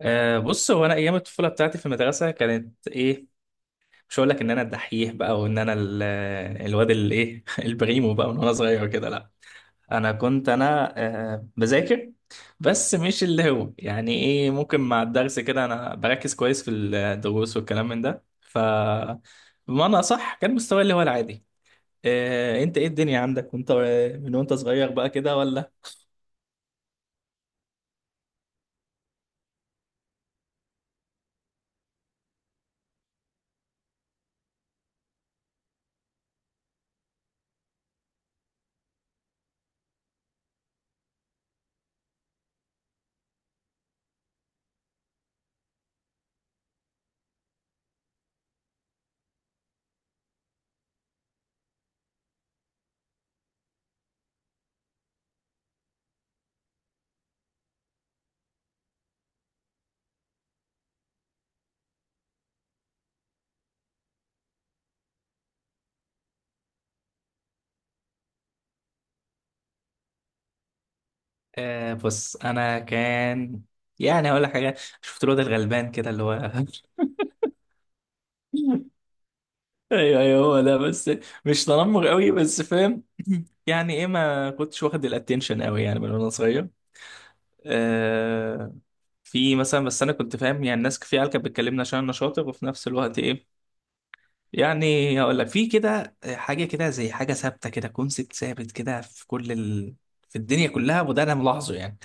بص هو انا ايام الطفوله بتاعتي في المدرسه كانت ايه. مش هقول لك ان انا الدحيح بقى وان انا الواد اللي ايه البريمو بقى من وانا صغير كده. لا، انا كنت بذاكر، بس مش اللي هو يعني ايه، ممكن مع الدرس كده انا بركز كويس في الدروس والكلام من ده. بمعنى صح كان مستواي اللي هو العادي. انت ايه الدنيا عندك وانت من وانت صغير بقى كده ولا؟ بص انا كان، يعني هقول لك حاجه. شفت الواد الغلبان كده اللي هو ايوه ايوه هو ده، بس مش تنمر قوي بس فاهم يعني ايه ما كنتش واخد الاتنشن قوي يعني من وانا صغير. آه. في مثلا، بس انا كنت فاهم، يعني الناس في عيال كانت بتكلمني عشان انا شاطر، وفي نفس الوقت ايه، يعني هقول لك في كده حاجه كده، زي حاجه ثابته كده، كونسيبت ثابت كده في كل في الدنيا كلها، وده انا ملاحظه يعني.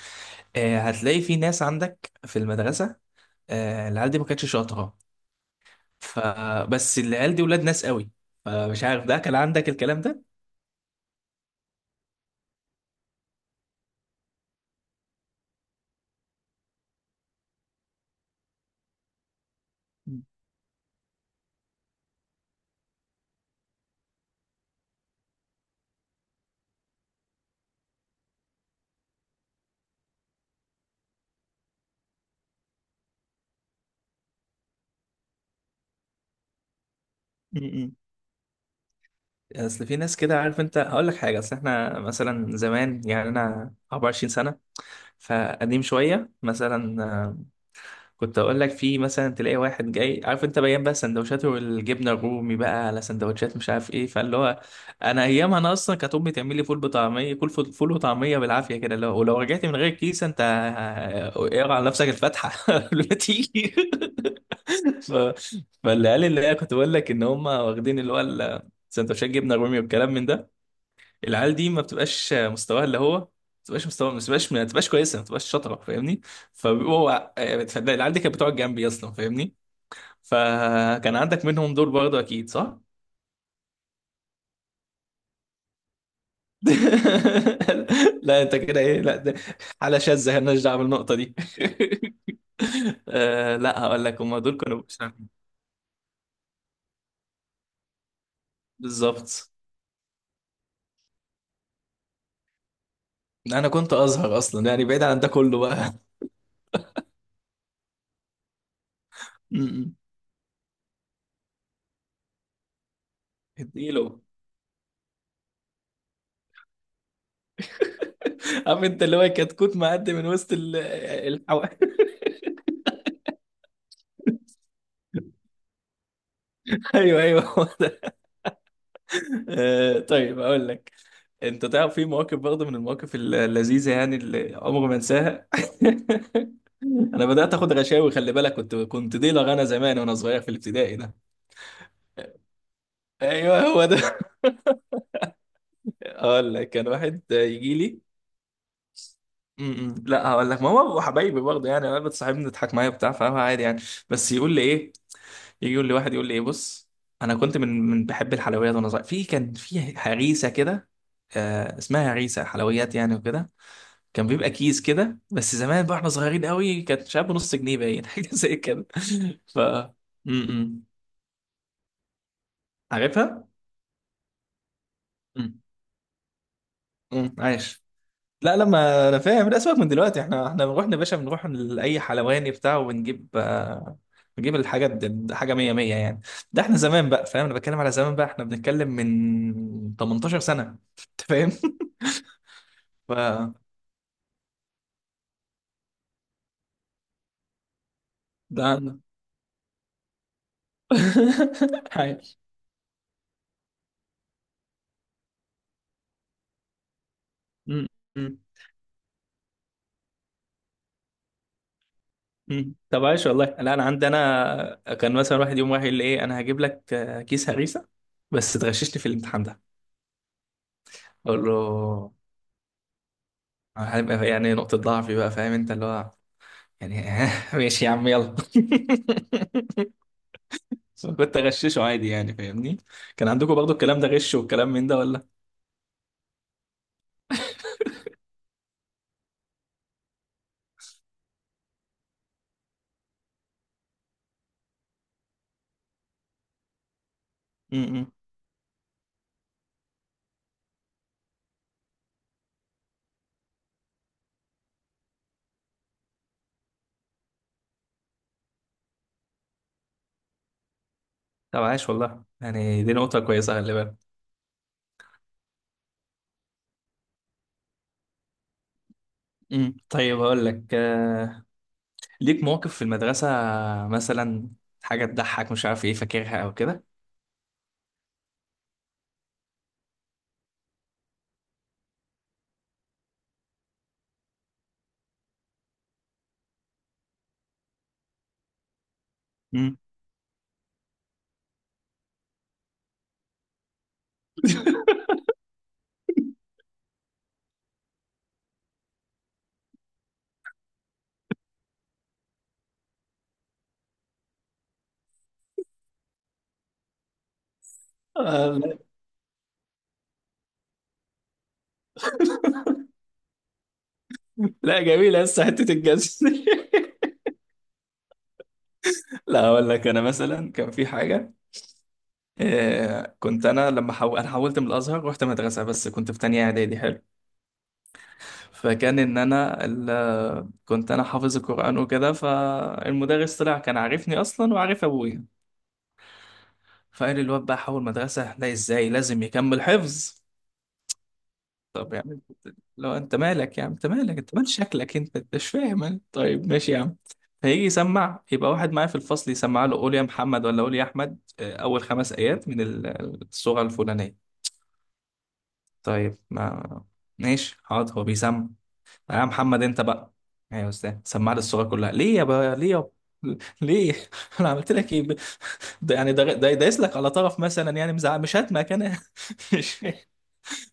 آه، هتلاقي في ناس عندك في المدرسه، آه العيال دي ما كانتش شاطره، فبس العيال دي ولاد ناس قوي. فمش عارف ده كان عندك الكلام ده؟ م-م. اصل في ناس كده، عارف انت، هقول لك حاجه، اصل احنا مثلا زمان، يعني انا 24 سنه، فقديم شويه مثلا. كنت اقول لك في مثلا تلاقي واحد جاي، عارف انت، بيان بقى سندوتشاته والجبنه الرومي بقى على سندوتشات مش عارف ايه، فاللي هو انا ايامها، انا اصلا كانت امي تعمل لي فول بطعميه، كل فول وطعميه بالعافيه كده، لو ولو رجعت من غير كيس انت، اقرا على نفسك الفاتحه قبل ما تيجي. ف... فالعيال اللي هي كنت بقول لك ان هم واخدين اللي هو سندوتشات جبنه رومي والكلام من ده، العيال دي ما بتبقاش مستواها اللي هو، ما بتبقاش كويسه، ما بتبقاش شاطره، فاهمني. فبيبقوا فالعيال العيال دي كانت بتقعد جنبي اصلا، فاهمني. فكان عندك منهم دول برضه اكيد صح؟ لا انت كده ايه، لا ده حاله شاذه مالناش دعوه بالنقطه دي. آه، لا هقول لك هم دول كانوا بالظبط. انا كنت ازهر اصلا، يعني بعيد عن ده كله بقى امم اديله. عارف انت اللي هو كتكوت معدي من وسط الحو... ايوه ايوه هو ده. آه، طيب اقول لك، انت تعرف في مواقف برضه من المواقف اللذيذه يعني اللي عمري ما انساها انا بدات اخد غشاوي، خلي بالك كنت ديلر انا زمان وانا صغير في الابتدائي ده. ايوه هو ده اقول لك كان واحد يجي لي، م- م. لا هقول لك، ما هو حبايبي برضه، يعني انا بتصاحبني تضحك معايا بتاع، فاهم، عادي يعني، بس يقول لي ايه، يجي يقول لي واحد يقول لي ايه بص، انا كنت من بحب الحلويات وانا صغير، في كان في هريسه كده، آه اسمها هريسه حلويات يعني وكده، كان بيبقى كيس كده، بس زمان بقى احنا صغيرين قوي، كانت مش عارف نص جنيه باين حاجه زي كده. ف م -م. عارفها؟ م -م. عايش. لا لا، ما انا فاهم، لا سيبك من دلوقتي، احنا بنروح يا باشا، بنروح لاي حلواني بتاع وبنجيب، بنجيب الحاجات دي حاجه 100 100 يعني. ده احنا زمان بقى، فاهم، انا بتكلم على زمان بقى، احنا بنتكلم من 18 سنه، انت فاهم. ف ده انا عايش. م- م- م. طب عايش والله. لا انا عندي انا، كان مثلا واحد يوم يقول لي ايه، انا هجيب لك كيس هريسه، بس تغششني في الامتحان ده. اقول له هيبقى يعني نقطه ضعفي بقى، فاهم انت اللي هو، يعني ماشي يا عم، يلا بس أنا كنت اغششه عادي، يعني فاهمني. كان عندكم برضو الكلام ده، غش والكلام من ده، ولا؟ امم طب عاش والله، يعني دي نقطة كويسة، خلي بالك. طيب هقول لك، ليك مواقف في المدرسة مثلا، حاجة تضحك مش عارف ايه، فاكرها او كده؟ أمم. آه، لا لا، جميلة لسه حتة الجزم لا اقول لك، انا مثلا كان في حاجة، كنت انا لما انا حولت من الازهر، رحت مدرسة، بس كنت في تانية اعدادي، حلو. فكان ان انا كنت انا حافظ القران وكده، فالمدرس طلع كان عارفني اصلا وعارف ابويا، فقال الواد بقى حول مدرسه، لا ازاي، لازم يكمل حفظ. طب يعني لو انت مالك يا عم، انت مالك، انت مال شكلك انت، انت مش فاهم أنت. طيب ماشي يا عم. فيجي يسمع، يبقى واحد معايا في الفصل يسمع له، قول يا محمد ولا قول يا احمد، اول خمس ايات من السوره الفلانيه. طيب، ما ماشي حاضر، هو بيسمع. يا محمد انت بقى. ايوه يا استاذ، سمعني الصوره كلها ليه يا بقى، ليه يا ليه، انا عملت لك ايه، ب- ده يعني ده ده- دايس لك على طرف مثلا يعني، مزعل، مش هاتمك انا مش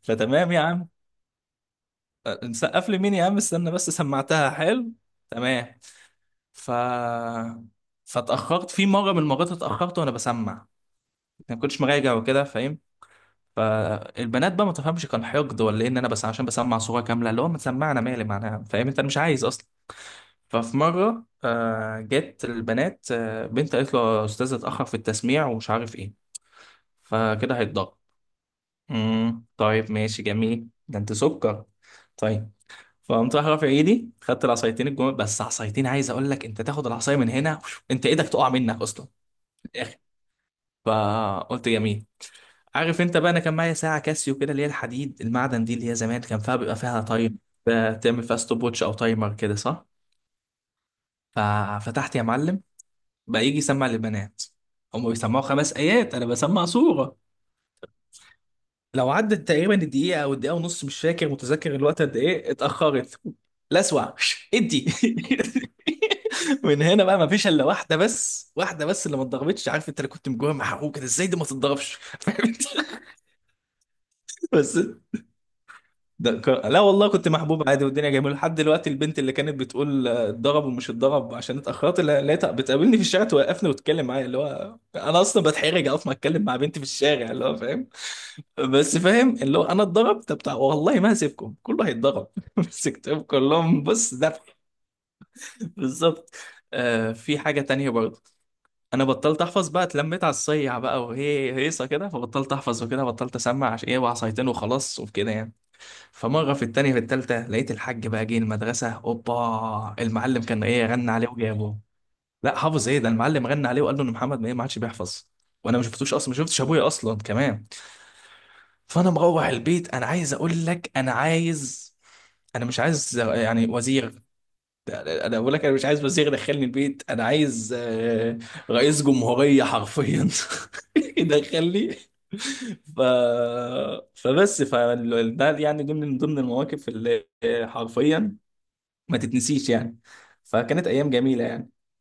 فتمام يا عم، نسقف لي مين يا عم، استنى بس، سمعتها حلو، تمام. ف فاتاخرت في مره من المرات، اتاخرت وانا بسمع، ما كنتش مراجع وكده، فاهم، فالبنات بقى ما تفهمش، كان حقد ولا ايه، ان انا بس عشان بسمع صوره كامله اللي هو، ما تسمعنا، مالي، معناها فاهم انت، مش عايز. ففي مرة جت البنات، بنت قالت له، يا أستاذ اتأخر في التسميع ومش عارف إيه، فكده هيتضرب. طيب ماشي جميل، ده أنت سكر، طيب. فقمت راح رافع إيدي، خدت العصايتين الجمل، بس عصايتين، عايز أقول لك، أنت تاخد العصاية من هنا وش-، أنت إيدك تقع منك أصلا في الآخر. فقلت جميل، عارف أنت بقى، أنا كان معايا ساعة كاسيو كده، اللي هي الحديد المعدن دي، اللي هي زمان كان فيها، بيبقى فيها تايم، تعمل فيها ستوب ووتش أو تايمر كده، صح. ففتحت يا معلم. بقى يجي يسمع للبنات، هم بيسمعوا خمس ايات، انا بسمع سوره. لو عدت تقريبا الدقيقه او الدقيقه ونص، مش فاكر، متذكر الوقت قد ايه اتاخرت. لا اسمع، ادي من هنا بقى ما فيش الا واحده بس، واحده بس اللي ما اتضربتش، عارف انت اللي كنت مجوه محروق كده، ازاي دي ما تتضربش بس ده لا والله كنت محبوب عادي، والدنيا جميله لحد دلوقتي، البنت اللي كانت بتقول اتضرب ومش اتضرب عشان اتاخرت، لقيتها بتقابلني في الشارع، توقفني وتتكلم معايا، اللي هو انا اصلا بتحرج اقف ما اتكلم مع بنتي في الشارع، اللي هو فاهم، بس فاهم اللي هو انا اتضرب. طب والله ما هسيبكم، كله هيتضرب مسكتهم كلهم، بص ذبح. بالظبط. آه، في حاجه تانية برضه. انا بطلت احفظ بقى، اتلميت على الصيع بقى، وهي هيصه كده، فبطلت احفظ وكده، بطلت اسمع، عشان ايه، وعصايتين وخلاص وكده يعني. فمرة في التانية في التالتة، لقيت الحاج بقى جه المدرسة، اوبا، المعلم كان ايه، غنى عليه وجابه. لا حافظ ايه، ده المعلم غنى عليه وقال له ان محمد ما ايه ما عادش بيحفظ. وانا ما شفتوش اصلا، ما شفتش ابويا اصلا كمان. فانا مروح البيت، انا عايز اقول لك، انا عايز، انا مش عايز يعني وزير، انا بقول لك انا مش عايز وزير يدخلني البيت، انا عايز رئيس جمهورية حرفيا يدخلني. ف... فبس ف ده يعني دي من ضمن المواقف اللي، حرفيا، ما تتنسيش يعني. فكانت ايام جميلة يعني.